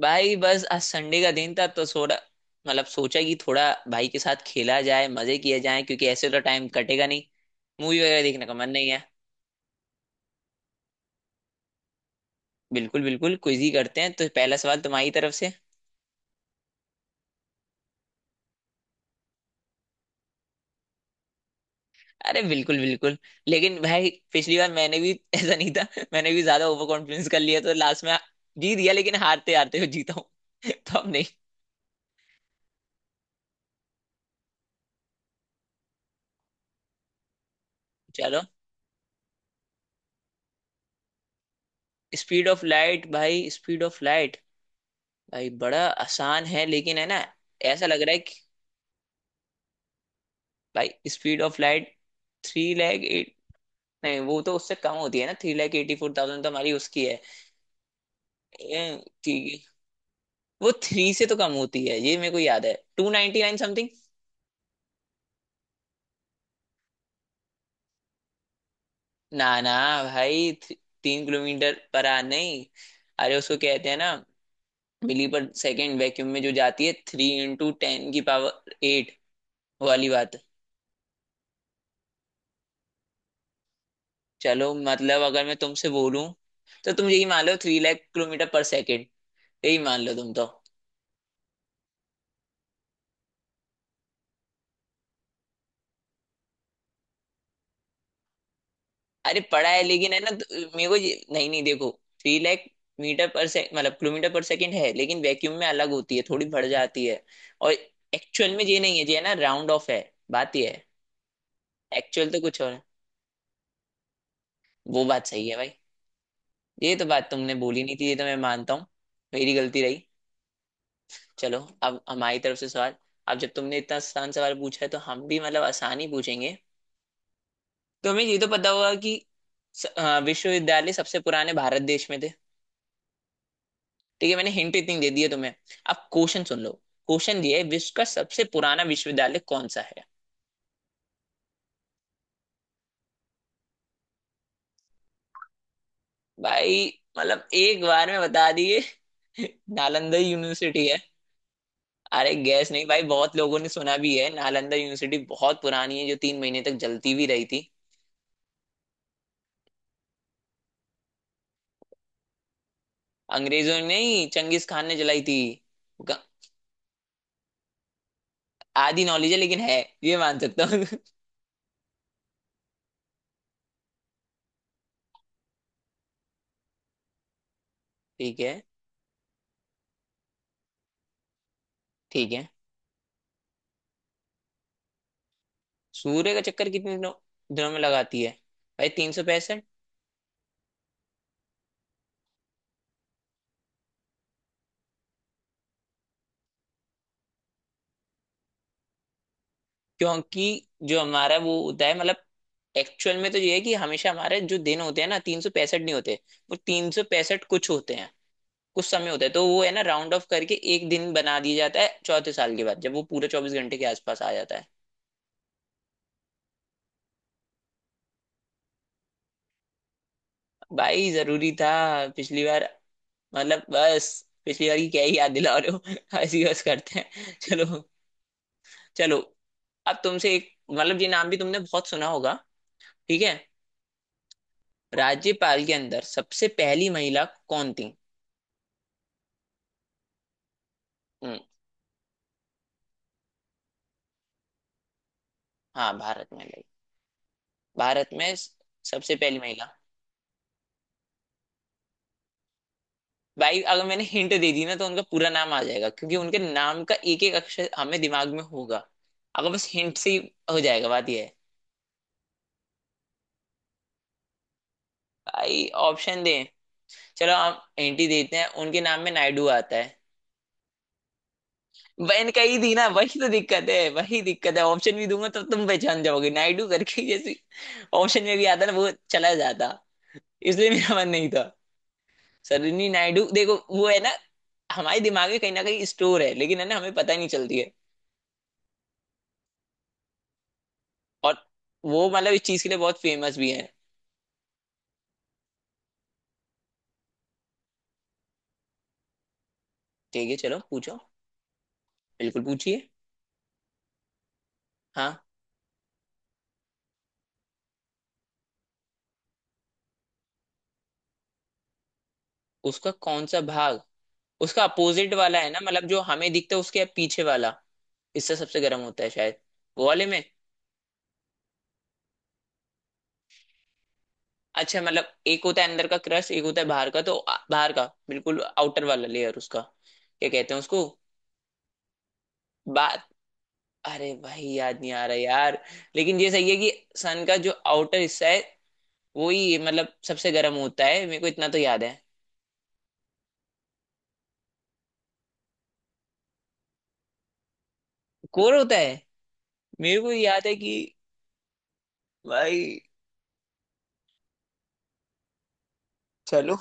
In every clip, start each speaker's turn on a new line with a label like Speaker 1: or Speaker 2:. Speaker 1: भाई बस आज संडे का दिन था तो थोड़ा मतलब सोचा कि थोड़ा भाई के साथ खेला जाए मजे किया जाए, क्योंकि ऐसे तो टाइम कटेगा नहीं। मूवी वगैरह देखने का मन नहीं है। बिल्कुल बिल्कुल, क्विज ही करते हैं तो पहला सवाल तुम्हारी तरफ से। अरे बिल्कुल बिल्कुल, लेकिन भाई पिछली बार मैंने भी ऐसा नहीं था। मैंने भी ज्यादा ओवर कॉन्फिडेंस कर लिया तो लास्ट में जीत गया, लेकिन हारते हारते हुए जीता हूँ। तो अब नहीं। चलो। स्पीड ऑफ लाइट, भाई स्पीड ऑफ लाइट, भाई बड़ा आसान है लेकिन है ना। ऐसा लग रहा है कि भाई speed of light three lakh eight. नहीं, वो तो उससे कम होती है ना। Three lakh eighty four thousand तो हमारी उसकी है। ए, कि- वो थ्री से तो कम होती है, ये मेरे को याद है। Two ninety nine something. ना ना, भाई तीन किलोमीटर पर आ नहीं। अरे, उसको कहते हैं ना, मिली पर सेकेंड, वैक्यूम में जो जाती है, थ्री इंटू टेन की पावर एट वाली बात। चलो, मतलब अगर मैं तुमसे बोलूं तो तुम यही मान लो, थ्री लाख किलोमीटर पर सेकेंड। यही मान लो तुम तो। अरे पड़ा है लेकिन है ना तो मेरे को नहीं नहीं, देखो, थ्री लाख मीटर पर से, मतलब किलोमीटर पर सेकंड है, लेकिन वैक्यूम में अलग होती है, थोड़ी बढ़ जाती है। और एक्चुअल में ये नहीं है, ये है ना, राउंड ऑफ है, बात ये है। एक्चुअल तो कुछ और है। वो बात सही है भाई। ये तो बात तुमने बोली नहीं थी, ये तो मैं मानता हूँ। मेरी गलती रही। चलो। अब हमारी तरफ से सवाल। अब जब तुमने इतना आसान सवाल पूछा है, तो हम भी मतलब आसान ही पूछेंगे। तुम्हें ये तो पता होगा कि विश्वविद्यालय सबसे पुराने भारत देश में थे। ठीक है, मैंने हिंट इतनी दे दी है तुम्हें। अब क्वेश्चन सुन लो। क्वेश्चन ये है, विश्व का सबसे पुराना विश्वविद्यालय कौन सा है? भाई, मतलब एक बार में बता दिए। नालंदा यूनिवर्सिटी है। अरे गैस नहीं भाई, बहुत लोगों ने सुना भी है, नालंदा यूनिवर्सिटी बहुत पुरानी है, जो 3 महीने तक जलती भी रही थी। अंग्रेजों ने नहीं, चंगेज खान ने जलाई थी। ग- आधी नॉलेज है लेकिन है, ये मान सकता हूँ। ठीक है। ठीक है। सूर्य का चक्कर कितने दिनों दिनों में लगाती है? भाई 365। क्योंकि जो हमारा वो होता है, मतलब एक्चुअल में तो ये है कि हमेशा हमारे जो दिन होते हैं ना, 365 नहीं होते। वो 365 कुछ होते हैं, कुछ समय होता है, तो वो है ना राउंड ऑफ करके एक दिन बना दिया जाता है, चौथे साल के बाद जब वो पूरा 24 घंटे के आसपास आ जाता है। भाई जरूरी था। पिछली बार, मतलब बस, पिछली बार की क्या ही याद दिला रहे हो। ऐसी बस करते हैं, चलो। चलो। अब तुमसे एक, मतलब ये नाम भी तुमने बहुत सुना होगा। ठीक है। राज्यपाल के अंदर सबसे पहली महिला कौन थी? हम्म, हाँ भारत में भाई। भारत में सबसे पहली महिला। भाई अगर मैंने हिंट दे दी ना, तो उनका पूरा नाम आ जाएगा, क्योंकि उनके नाम का एक एक अक्षर हमें दिमाग में होगा। अगर बस हिंट से ही हो जाएगा, बात यह है। भाई ऑप्शन दें। चलो, हम हिंट ही देते हैं, उनके नाम में नायडू आता है। बहन का ही दी ना, वही तो दिक्कत है, वही दिक्कत है। ऑप्शन भी दूंगा तो तुम पहचान जाओगे, नायडू करके जैसे ऑप्शन में भी आता ना, वो चला जाता। इसलिए मेरा मन नहीं था। सरोजिनी नायडू, देखो वो है ना, हमारे दिमाग में कहीं ना कहीं स्टोर है, लेकिन है ना, हमें पता ही नहीं चलती है। और वो मतलब इस चीज के लिए बहुत फेमस भी है। ठीक है, चलो पूछो। बिल्कुल पूछिए। हाँ। उसका कौन सा भाग? उसका अपोजिट वाला है ना, मतलब जो हमें दिखता है उसके पीछे वाला। इससे सबसे गर्म होता है शायद, वो वाले में। अच्छा, मतलब एक होता है अंदर का क्रस्ट, एक होता है बाहर का, तो बाहर का बिल्कुल आउटर वाला लेयर, उसका क्या कहते हैं उसको? बात। अरे भाई याद नहीं आ रहा यार। लेकिन ये सही है कि सन का जो आउटर हिस्सा है, वही मतलब सबसे गर्म होता है, मेरे को इतना तो याद है। कोर होता है। मेरे को याद है कि भाई। चलो।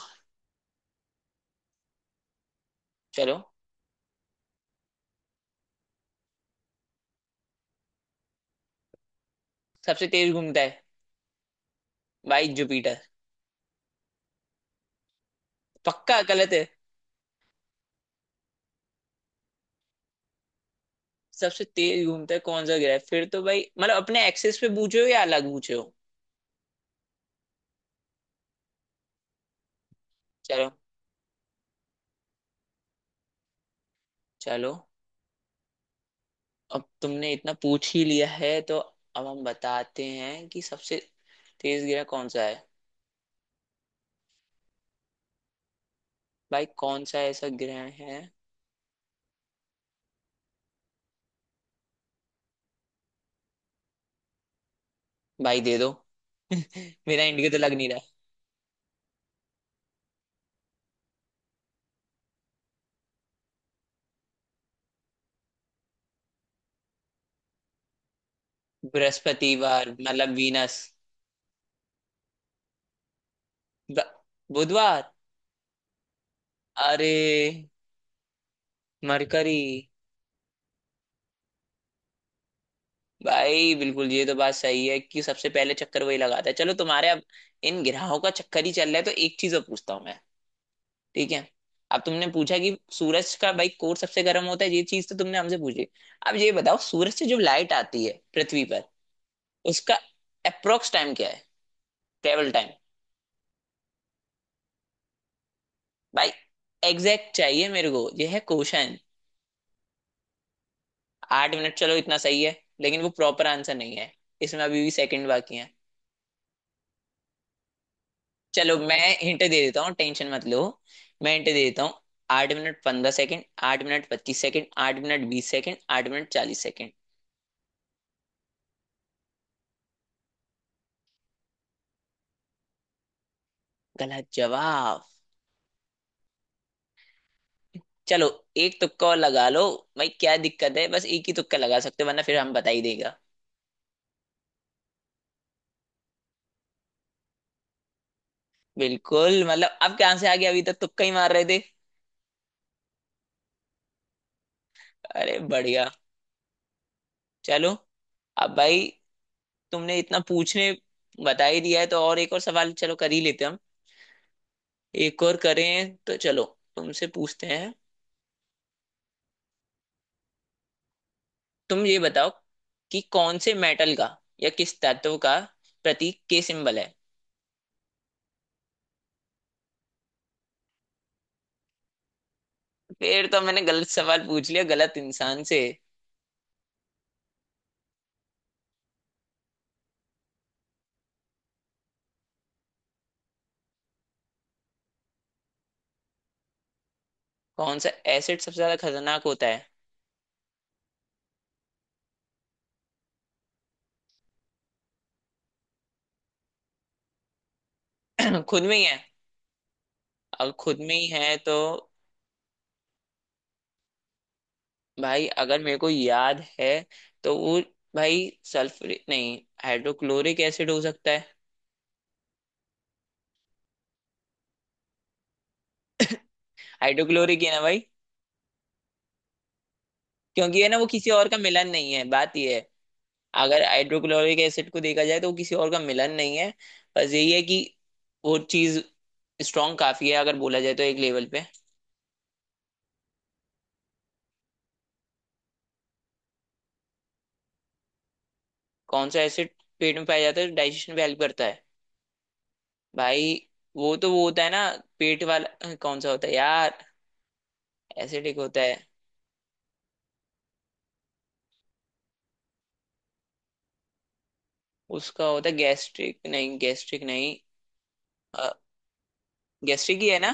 Speaker 1: चलो। सबसे तेज घूमता है? भाई जुपिटर। पक्का गलत है। सबसे तेज घूमता है कौन सा ग्रह है? फिर तो भाई, मतलब अपने एक्सेस पे पूछे हो या अलग पूछे हो? चलो। चलो, अब तुमने इतना पूछ ही लिया है, तो अब हम बताते हैं कि सबसे तेज ग्रह कौन सा है। भाई कौन सा ऐसा ग्रह है? भाई दे दो। मेरा इंडिया तो लग नहीं रहा। बृहस्पतिवार, मतलब वीनस। ब- बुधवार। अरे मरकरी। भाई बिल्कुल, ये तो बात सही है कि सबसे पहले चक्कर वही लगाता है। चलो, तुम्हारे अब इन ग्रहों का चक्कर ही चल रहा है, तो एक चीज और पूछता हूँ मैं। ठीक है। अब तुमने पूछा कि सूरज का भाई कोर सबसे गर्म होता है, ये चीज तो तुमने हमसे पूछी। अब ये बताओ, सूरज से जो लाइट आती है पृथ्वी पर, उसका अप्रोक्स टाइम क्या है, ट्रेवल टाइम? भाई एग्जैक्ट चाहिए मेरे को, यह है क्वेश्चन। 8 मिनट, चलो इतना सही है, लेकिन वो प्रॉपर आंसर नहीं है। इसमें अभी भी सेकंड बाकी है। चलो, मैं हिंट दे देता हूँ, टेंशन मत लो। मैं हिंट दे देता हूँ। 8 minute 15 second, 8 minute 25 second, 8 minute 20 second, 8 minute 40 second. गलत जवाब। चलो, एक तुक्का और लगा लो। भाई क्या दिक्कत है, बस एक ही तुक्का लगा सकते हो, वरना फिर हम बता ही देगा। बिल्कुल, मतलब अब कहाँ से आ गया? अभी तक तुक्का ही मार रहे थे। अरे बढ़िया। चलो। अब भाई, तुमने इतना पूछने बता ही दिया है, तो और एक और सवाल चलो कर ही लेते हैं हम। एक और करें तो चलो। तुमसे पूछते हैं। तुम ये बताओ कि कौन से मेटल का या किस तत्व का प्रतीक के सिंबल है? फिर तो मैंने गलत सवाल पूछ लिया, गलत इंसान से। कौन सा एसिड सबसे ज्यादा खतरनाक होता है? खुद में ही है। अब खुद में ही है तो भाई, अगर मेरे को याद है तो वो, भाई सल्फर नहीं, हाइड्रोक्लोरिक एसिड हो सकता है। हाइड्रोक्लोरिक है ना भाई। क्योंकि है ना, वो किसी और का मिलन नहीं है, बात ये है। अगर हाइड्रोक्लोरिक एसिड को देखा जाए तो वो किसी और का मिलन नहीं है। बस यही है कि वो चीज स्ट्रांग काफी है, अगर बोला जाए तो एक लेवल पे। कौन सा एसिड पेट में पाया जाता है, डाइजेशन में हेल्प करता है? भाई वो तो वो होता है ना, पेट वाला कौन सा होता है यार, एसिडिक होता है। उसका होता है गैस्ट्रिक, नहीं गैस्ट्रिक नहीं। गैस्ट्रिक ही है ना?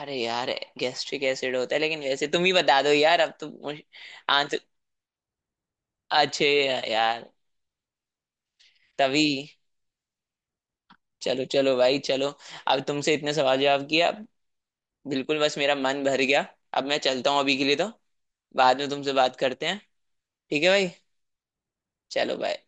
Speaker 1: अरे यार, गैस्ट्रिक एसिड होता है, लेकिन वैसे तुम ही बता दो यार अब तो। आंसर अच्छे यार। तभी। चलो चलो भाई चलो। अब तुमसे इतने सवाल जवाब किया, अब बिल्कुल बस मेरा मन भर गया। अब मैं चलता हूँ अभी के लिए, तो बाद में तुमसे बात करते हैं। ठीक है भाई। चलो बाय।